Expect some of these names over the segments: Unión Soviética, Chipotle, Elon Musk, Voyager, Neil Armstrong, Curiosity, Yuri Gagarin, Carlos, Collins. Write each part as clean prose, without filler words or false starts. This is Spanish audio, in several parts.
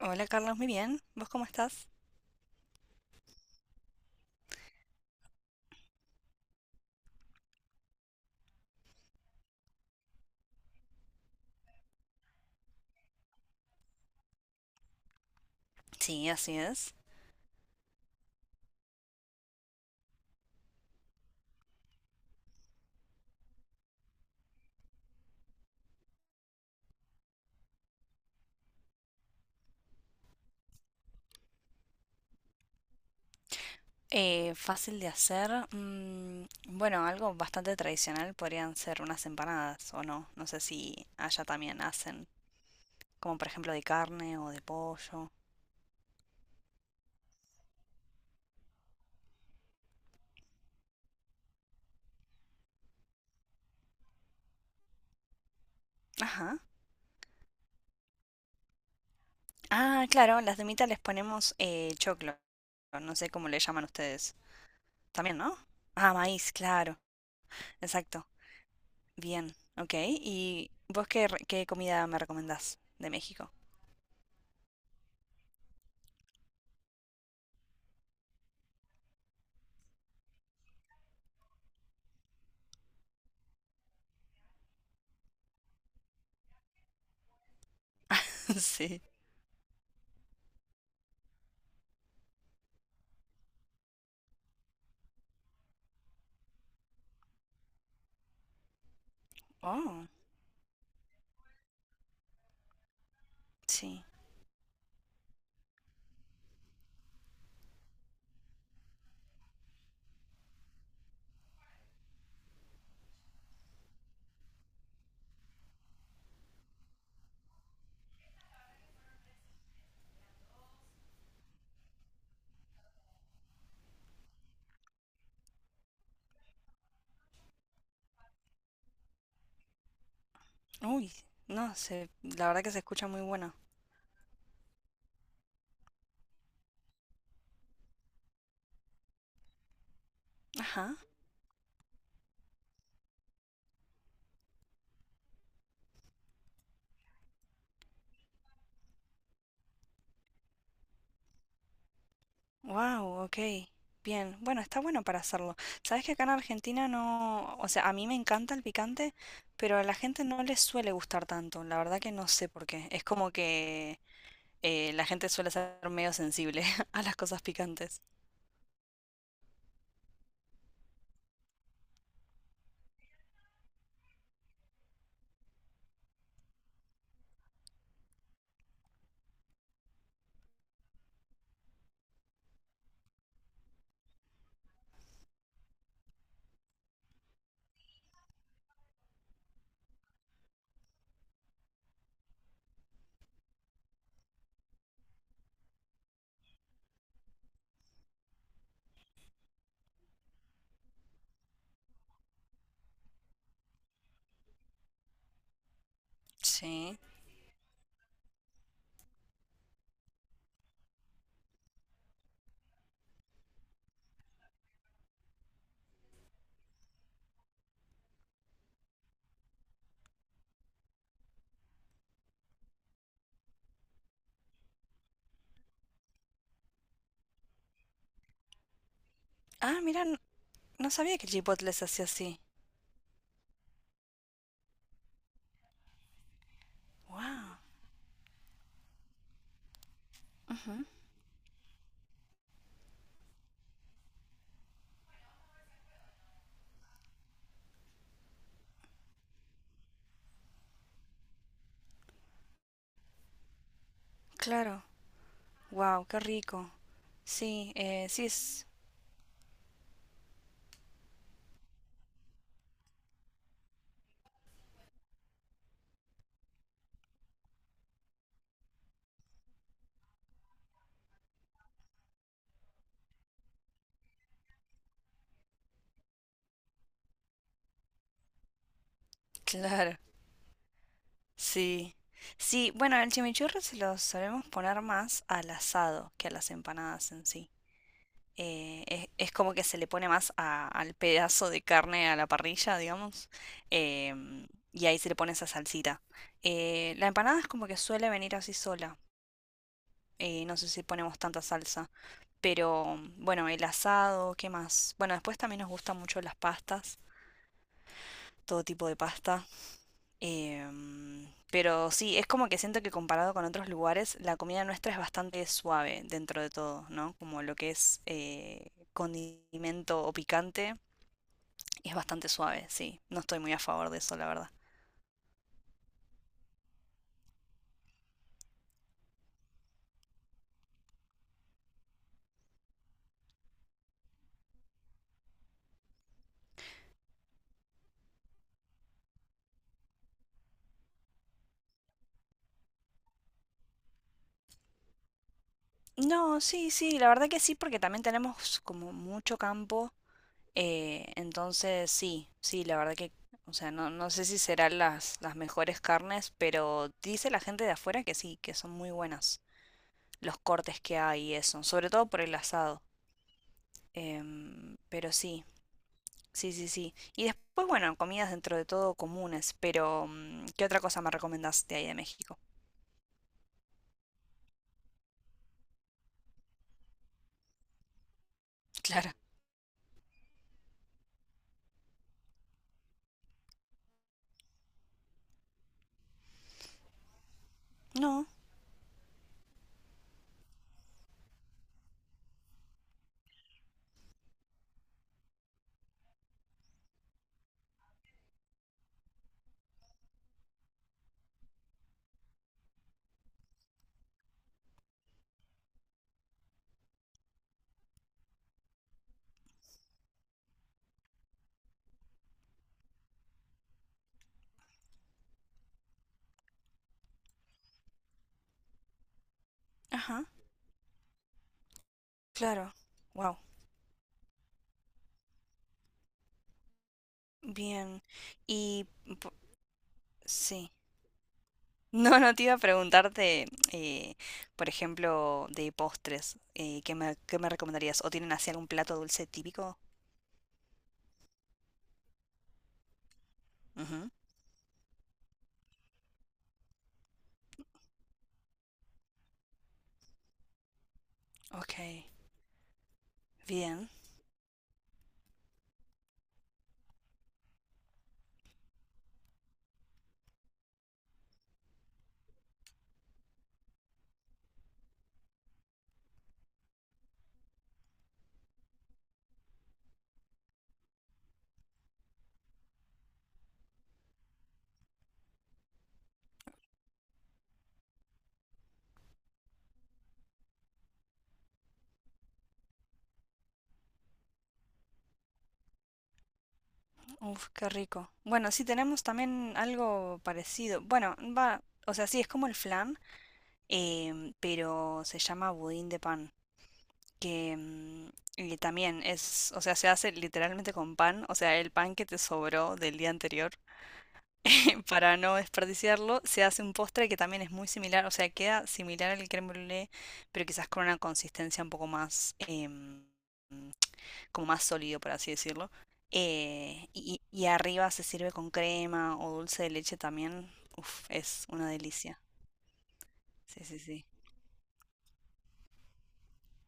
Hola Carlos, muy bien. ¿Vos cómo estás? Sí, así es. Fácil de hacer. Mm, bueno, algo bastante tradicional podrían ser unas empanadas o no. No sé si allá también hacen, como por ejemplo de carne o de pollo. Ajá. Ah, claro, las de mita les ponemos choclo. No sé cómo le llaman ustedes. También, ¿no? Ah, maíz, claro. Exacto. Bien. Ok. ¿Y vos qué, qué comida me recomendás de México? Sí. Oh, sí. Uy, no, se, la verdad que se escucha muy buena. Ajá. Wow, ok. Bien. Bueno, está bueno para hacerlo. Sabes que acá en Argentina no, o sea, a mí me encanta el picante, pero a la gente no le suele gustar tanto. La verdad que no sé por qué. Es como que la gente suele ser medio sensible a las cosas picantes. Sí. Ah, mira, no sabía que el Chipotle se hacía así. Wow. Claro. Wow, qué rico. Sí, sí es. Claro. Sí. Sí, bueno, el chimichurri se lo solemos poner más al asado que a las empanadas en sí. Es como que se le pone más al pedazo de carne a la parrilla, digamos, em, y ahí se le pone esa salsita. La empanada es como que suele venir así sola. Eh, no sé si ponemos tanta salsa, pero bueno, el asado, ¿qué más? Bueno, después también nos gustan mucho las pastas, todo tipo de pasta. Em, pero sí, es como que siento que comparado con otros lugares, la comida nuestra es bastante suave dentro de todo, ¿no? Como lo que es condimento o picante es bastante suave, sí. No estoy muy a favor de eso, la verdad. No, sí, sí, la verdad que sí, porque también tenemos como mucho campo. Entonces, sí, sí, la verdad que, o sea, no, no sé si serán las mejores carnes, pero dice la gente de afuera que sí, que son muy buenas los cortes que hay y eso, sobre todo por el asado. Em, pero sí, sí, sí, sí. Y después, bueno, comidas dentro de todo comunes, pero mm, ¿qué otra cosa me recomendás de ahí de México? Claro. No, ajá, claro. Wow, bien. Y po- sí. No, no te iba a preguntarte, eh, por ejemplo, de postres, qué me recomendarías? ¿O tienen así algún plato dulce típico? Ujú. Ok, bien. Uf, qué rico. Bueno, sí tenemos también algo parecido. Bueno, va, o sea, sí, es como el flan, em, pero se llama budín de pan, que mm, y también es, o sea, se hace literalmente con pan, o sea, el pan que te sobró del día anterior, para no desperdiciarlo, se hace un postre que también es muy similar, o sea, queda similar al crème brûlée, pero quizás con una consistencia un poco más, em, como más sólido, por así decirlo. Y, y arriba se sirve con crema o dulce de leche también. Uf, es una delicia. Sí, sí, sí.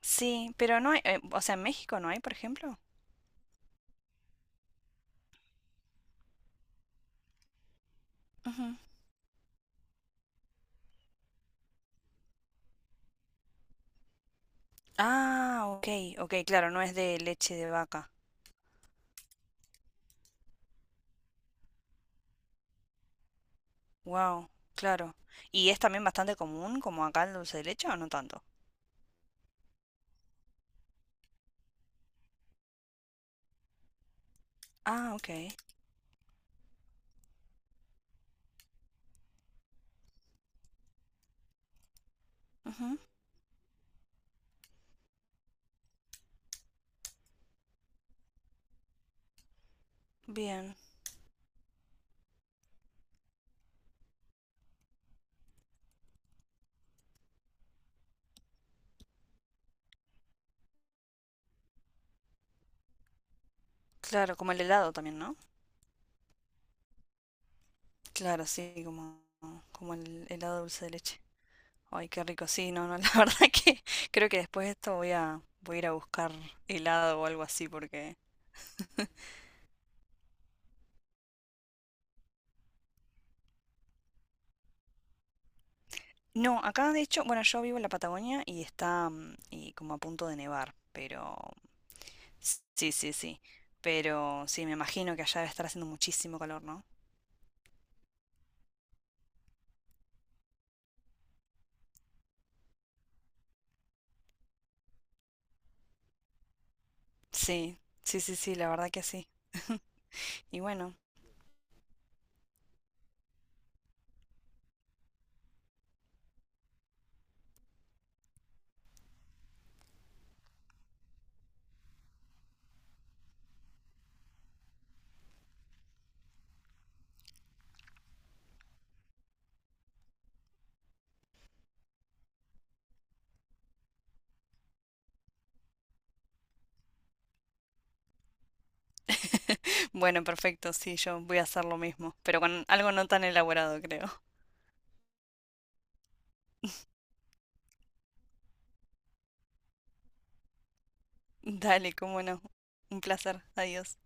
Sí, pero no hay, o sea, en México no hay, por ejemplo. Ujú. Ah, ok, ok, claro, no es de leche de vaca. Wow, claro. ¿Y es también bastante común como acá el dulce de leche o no tanto? Ah, ok. Ujú. Bien. Claro, como el helado también, ¿no? Claro, sí, como, como el helado dulce de leche. Ay, qué rico. Sí, no, no, la verdad que creo que después de esto voy a, voy a ir a buscar helado o algo así porque... No, acá de hecho, bueno, yo vivo en la Patagonia y está mm, y como a punto de nevar, pero... Sí, sí, sí. Pero sí, me imagino que allá debe estar haciendo muchísimo calor, ¿no? Sí, sí, sí, sí, la verdad que sí. Y bueno, bueno, perfecto, sí, yo voy a hacer lo mismo, pero con algo no tan elaborado, creo. Dale, cómo no. Un placer. Adiós.